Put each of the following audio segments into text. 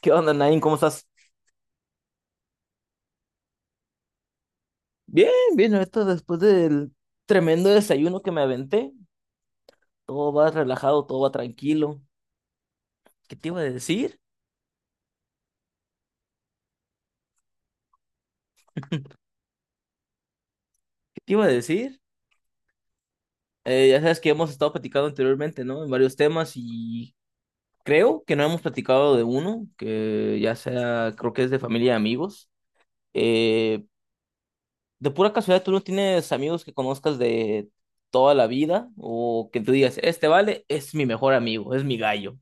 ¿Qué onda, Nain? ¿Cómo estás? Bien, bien, ahorita después del tremendo desayuno que me aventé, todo va relajado, todo va tranquilo. ¿Qué te iba a decir? ¿Qué te iba a decir? Ya sabes que hemos estado platicando anteriormente, ¿no? En varios temas y creo que no hemos platicado de uno, que ya sea, creo que es de familia y amigos. Eh, de pura casualidad, ¿tú no tienes amigos que conozcas de toda la vida o que tú digas, este vale, es mi mejor amigo, es mi gallo?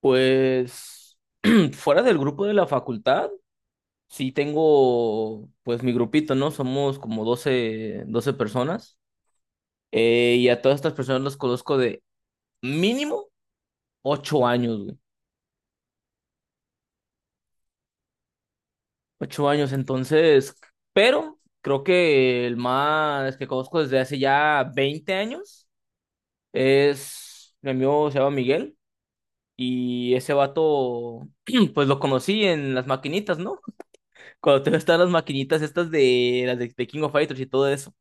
Pues fuera del grupo de la facultad, sí tengo pues mi grupito, ¿no? Somos como doce personas. Y a todas estas personas las conozco de mínimo 8 años, güey. 8 años, entonces, pero creo que el más que conozco desde hace ya 20 años es mi amigo, se llama Miguel. Y ese vato, pues lo conocí en las maquinitas, ¿no? Cuando todavía estaban las maquinitas estas de las de King of Fighters y todo eso.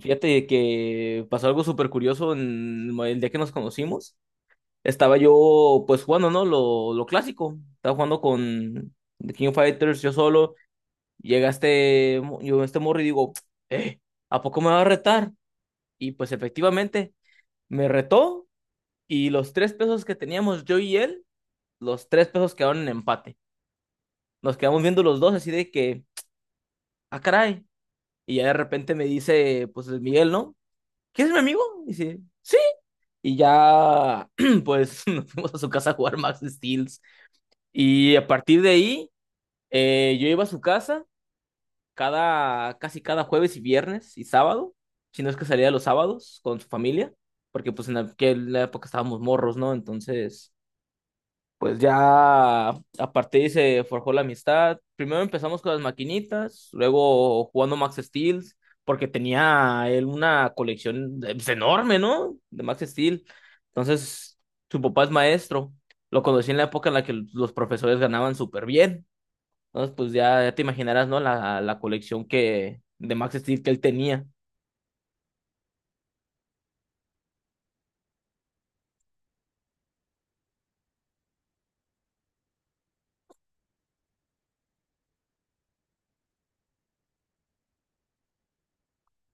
Fíjate que pasó algo súper curioso en el día que nos conocimos. Estaba yo pues jugando, ¿no? Lo clásico. Estaba jugando con The King of Fighters yo solo. Llega este, mo- yo este morro y digo, eh, ¿a poco me va a retar? Y pues efectivamente me retó y los tres pesos que teníamos yo y él, los 3 pesos quedaron en empate. Nos quedamos viendo los dos así de que, ah, caray. Y ya de repente me dice, pues Luis Miguel, ¿no? ¿Quieres mi amigo? Y dice, sí. Y ya, pues nos fuimos a su casa a jugar Max Steel. Y a partir de ahí, yo iba a su casa cada, casi cada jueves y viernes y sábado, si no es que salía los sábados con su familia, porque pues en aquella época estábamos morros, ¿no? Entonces, pues ya a partir de ahí se forjó la amistad. Primero empezamos con las maquinitas, luego jugando Max Steel, porque tenía él una colección pues, enorme, ¿no? De Max Steel. Entonces, su papá es maestro. Lo conocí en la época en la que los profesores ganaban súper bien. Entonces, pues ya, ya te imaginarás, ¿no? La colección que, de Max Steel que él tenía.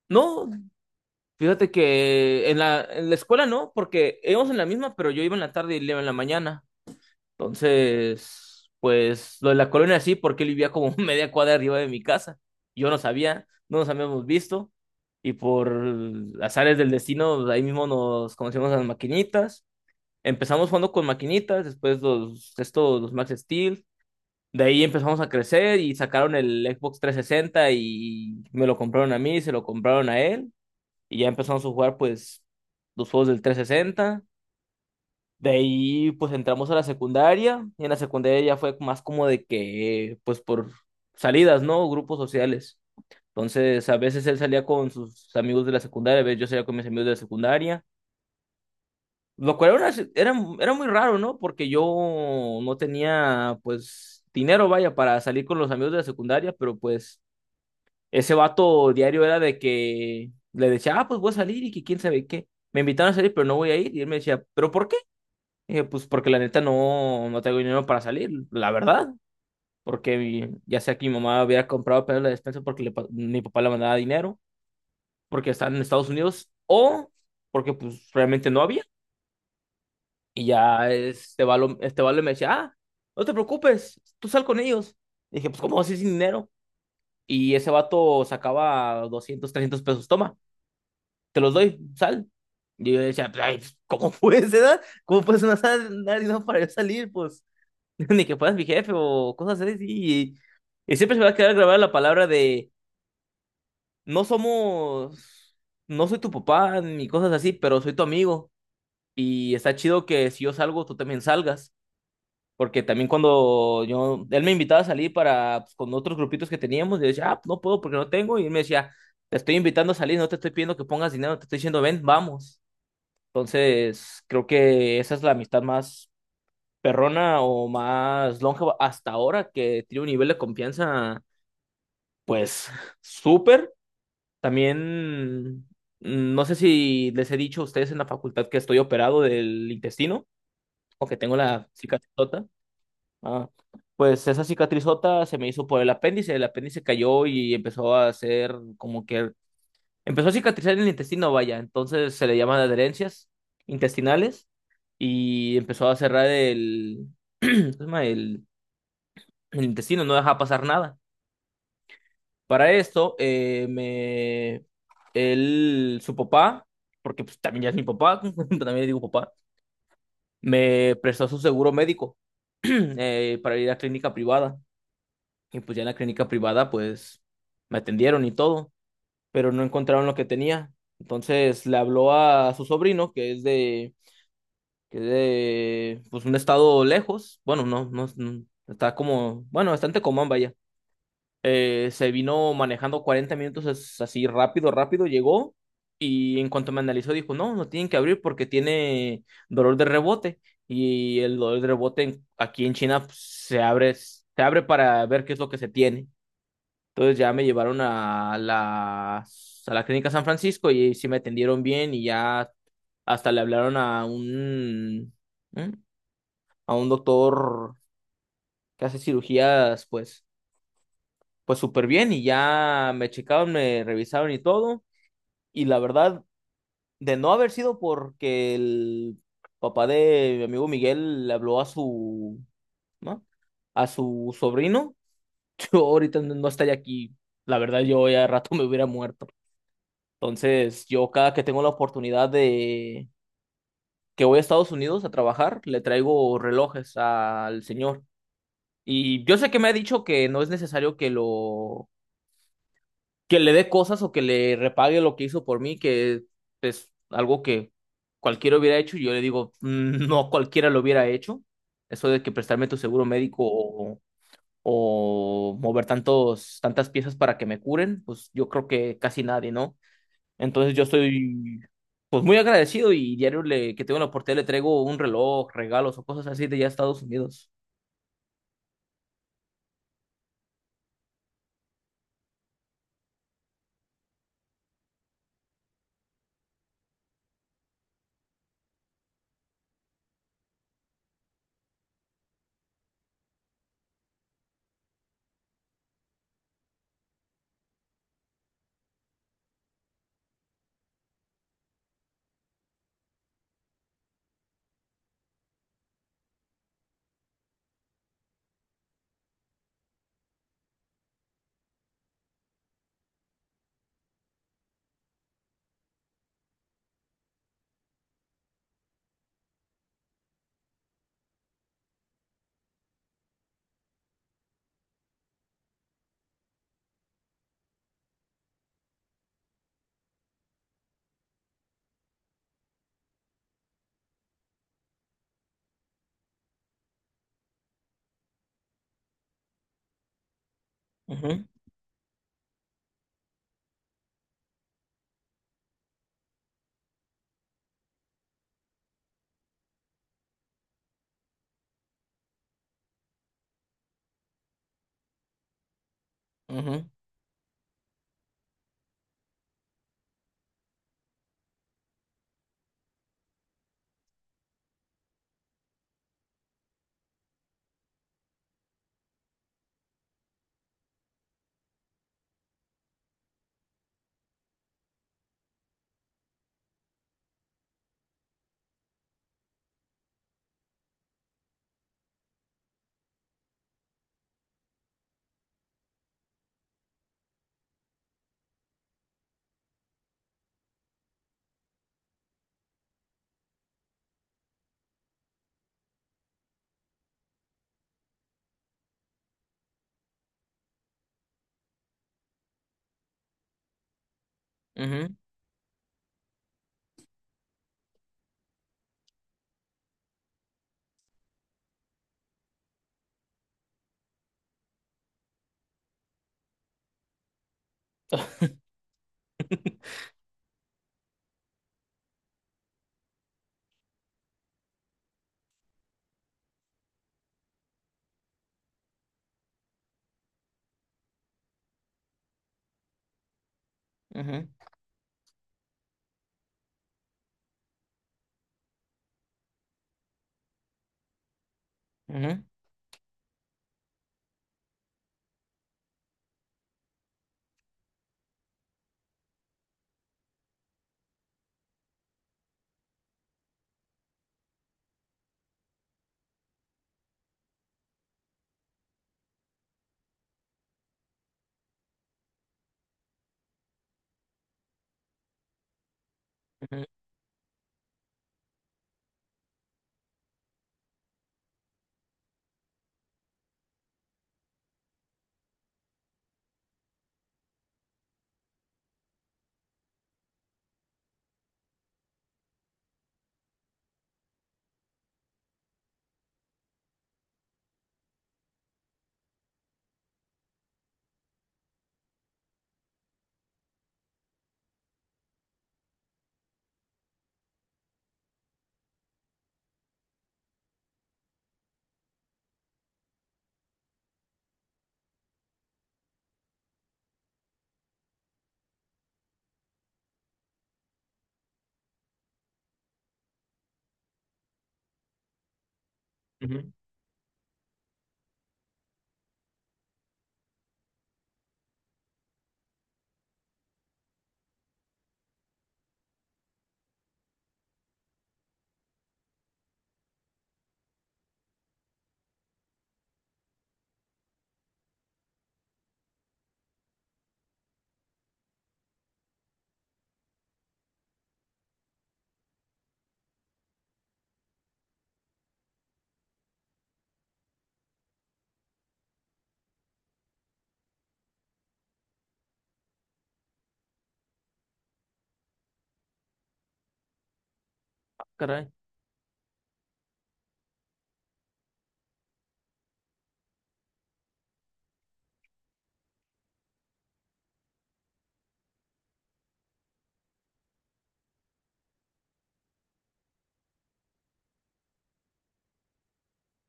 No, fíjate que en la escuela no, porque íbamos en la misma, pero yo iba en la tarde y él iba en la mañana. Entonces, pues lo de la colonia sí, porque él vivía como media cuadra arriba de mi casa. Yo no sabía, no nos habíamos visto. Y por azares del destino, pues, ahí mismo nos conocimos a las maquinitas. Empezamos jugando con maquinitas, después los, estos, los Max Steel. De ahí empezamos a crecer y sacaron el Xbox 360 y me lo compraron a mí, se lo compraron a él. Y ya empezamos a jugar pues los juegos del 360. De ahí pues entramos a la secundaria y en la secundaria ya fue más como de que pues por salidas, ¿no? Grupos sociales. Entonces a veces él salía con sus amigos de la secundaria, a veces yo salía con mis amigos de la secundaria, lo cual era, si, era muy raro, ¿no? Porque yo no tenía pues dinero, vaya, para salir con los amigos de la secundaria, pero pues ese vato diario era de que le decía, ah, pues voy a salir y que quién sabe qué. Me invitaron a salir, pero no voy a ir. Y él me decía, ¿pero por qué? Y yo, pues porque la neta no tengo dinero para salir, la verdad. Porque ya sea que mi mamá hubiera comprado apenas la despensa porque mi papá le mandaba dinero, porque está en Estados Unidos, o porque pues realmente no había. Y ya este vale me decía, ah, no te preocupes, tú sal con ellos. Y dije, pues ¿cómo vas a ir sin dinero? Y ese vato sacaba 200, 300 pesos, toma, te los doy, sal. Y yo decía, pues, "Ay, ¿cómo puedes, edad? ¿Cómo puedes no dar dinero para yo salir? Pues. ni que fueras mi jefe o cosas así. Y siempre se me va a quedar grabada la palabra de no somos, no soy tu papá ni cosas así, pero soy tu amigo. Y está chido que si yo salgo, tú también salgas. Porque también cuando yo, él me invitaba a salir para, pues, con otros grupitos que teníamos, yo decía, ah, pues, no puedo porque no tengo. Y él me decía, te estoy invitando a salir, no te estoy pidiendo que pongas dinero, te estoy diciendo, ven, vamos. Entonces, creo que esa es la amistad más perrona o más longeva hasta ahora, que tiene un nivel de confianza, pues, súper. También, mm, no sé si les he dicho a ustedes en la facultad que estoy operado del intestino o que tengo la cicatrizota. Ah, pues esa cicatrizota se me hizo por el apéndice cayó y empezó a hacer como que empezó a cicatrizar en el intestino, vaya, entonces se le llaman adherencias intestinales y empezó a cerrar el, ¿cómo se llama? El intestino no deja pasar nada. Para esto, me, él, su papá, porque pues, también ya es mi papá, también le digo papá, me prestó su seguro médico para ir a clínica privada. Y pues ya en la clínica privada, pues me atendieron y todo, pero no encontraron lo que tenía. Entonces le habló a su sobrino, que es de pues, un estado lejos. Bueno, no, no, no, está como, bueno, bastante común, vaya. Se vino manejando 40 minutos as- así rápido, rápido, llegó y en cuanto me analizó dijo, no, no tienen que abrir porque tiene dolor de rebote y el dolor de rebote en- aquí en China pues, se abre para ver qué es lo que se tiene. Entonces ya me llevaron a la clínica San Francisco y sí me atendieron bien y ya hasta le hablaron a un, ¿eh? A un doctor que hace cirugías, pues pues súper bien y ya me checaron, me revisaron y todo. Y la verdad, de no haber sido porque el papá de mi amigo Miguel le habló a su, ¿no? A su sobrino, yo ahorita no estaría aquí. La verdad, yo ya de rato me hubiera muerto. Entonces, yo cada que tengo la oportunidad de que voy a Estados Unidos a trabajar, le traigo relojes al señor. Y yo sé que me ha dicho que no es necesario que lo que le dé cosas o que le repague lo que hizo por mí, que es algo que cualquiera hubiera hecho, y yo le digo, "Mm, no cualquiera lo hubiera hecho. Eso de que prestarme tu seguro médico o mover tantos, tantas piezas para que me curen, pues yo creo que casi nadie, ¿no? Entonces yo estoy pues muy agradecido y diario le, que tengo la oportunidad le traigo un reloj, regalos o cosas así de ya Estados Unidos. Ujú, ujú, ujú, ujú, ujú, ujú, ujú. Ah, caray.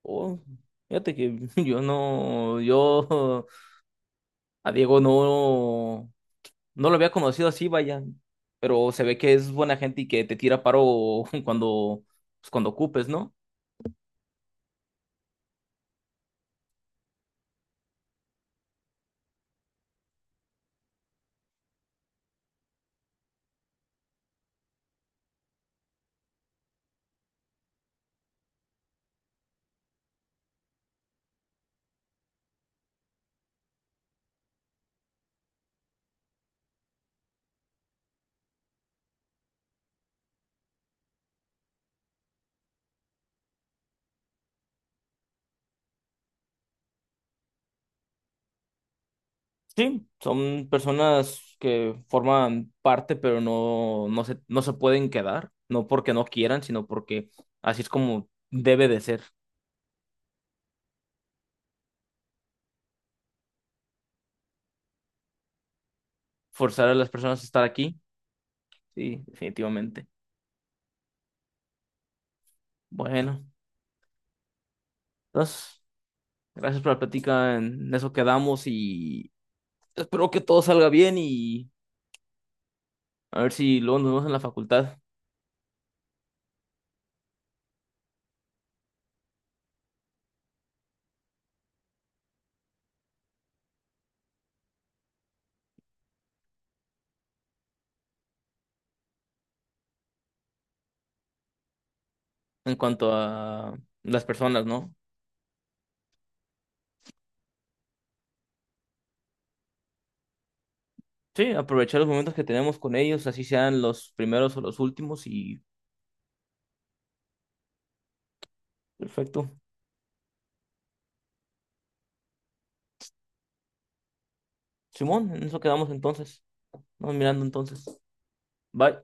Oh, fíjate que yo no, yo a Diego no, no lo había conocido así, vaya, pero se ve que es buena gente y que te tira paro cuando, pues, cuando ocupes, ¿no? Sí, son personas que forman parte, pero no, no se pueden quedar, no porque no quieran, sino porque así es como debe de ser, forzar a las personas a estar aquí, sí, definitivamente. Bueno, entonces, gracias por la plática, en eso quedamos y... espero que todo salga bien y a ver si luego nos vemos en la facultad en cuanto a las personas, ¿no? Sí, aprovechar los momentos que tenemos con ellos, así sean los primeros o los últimos y perfecto. Simón, en eso quedamos entonces. Vamos mirando entonces. Bye.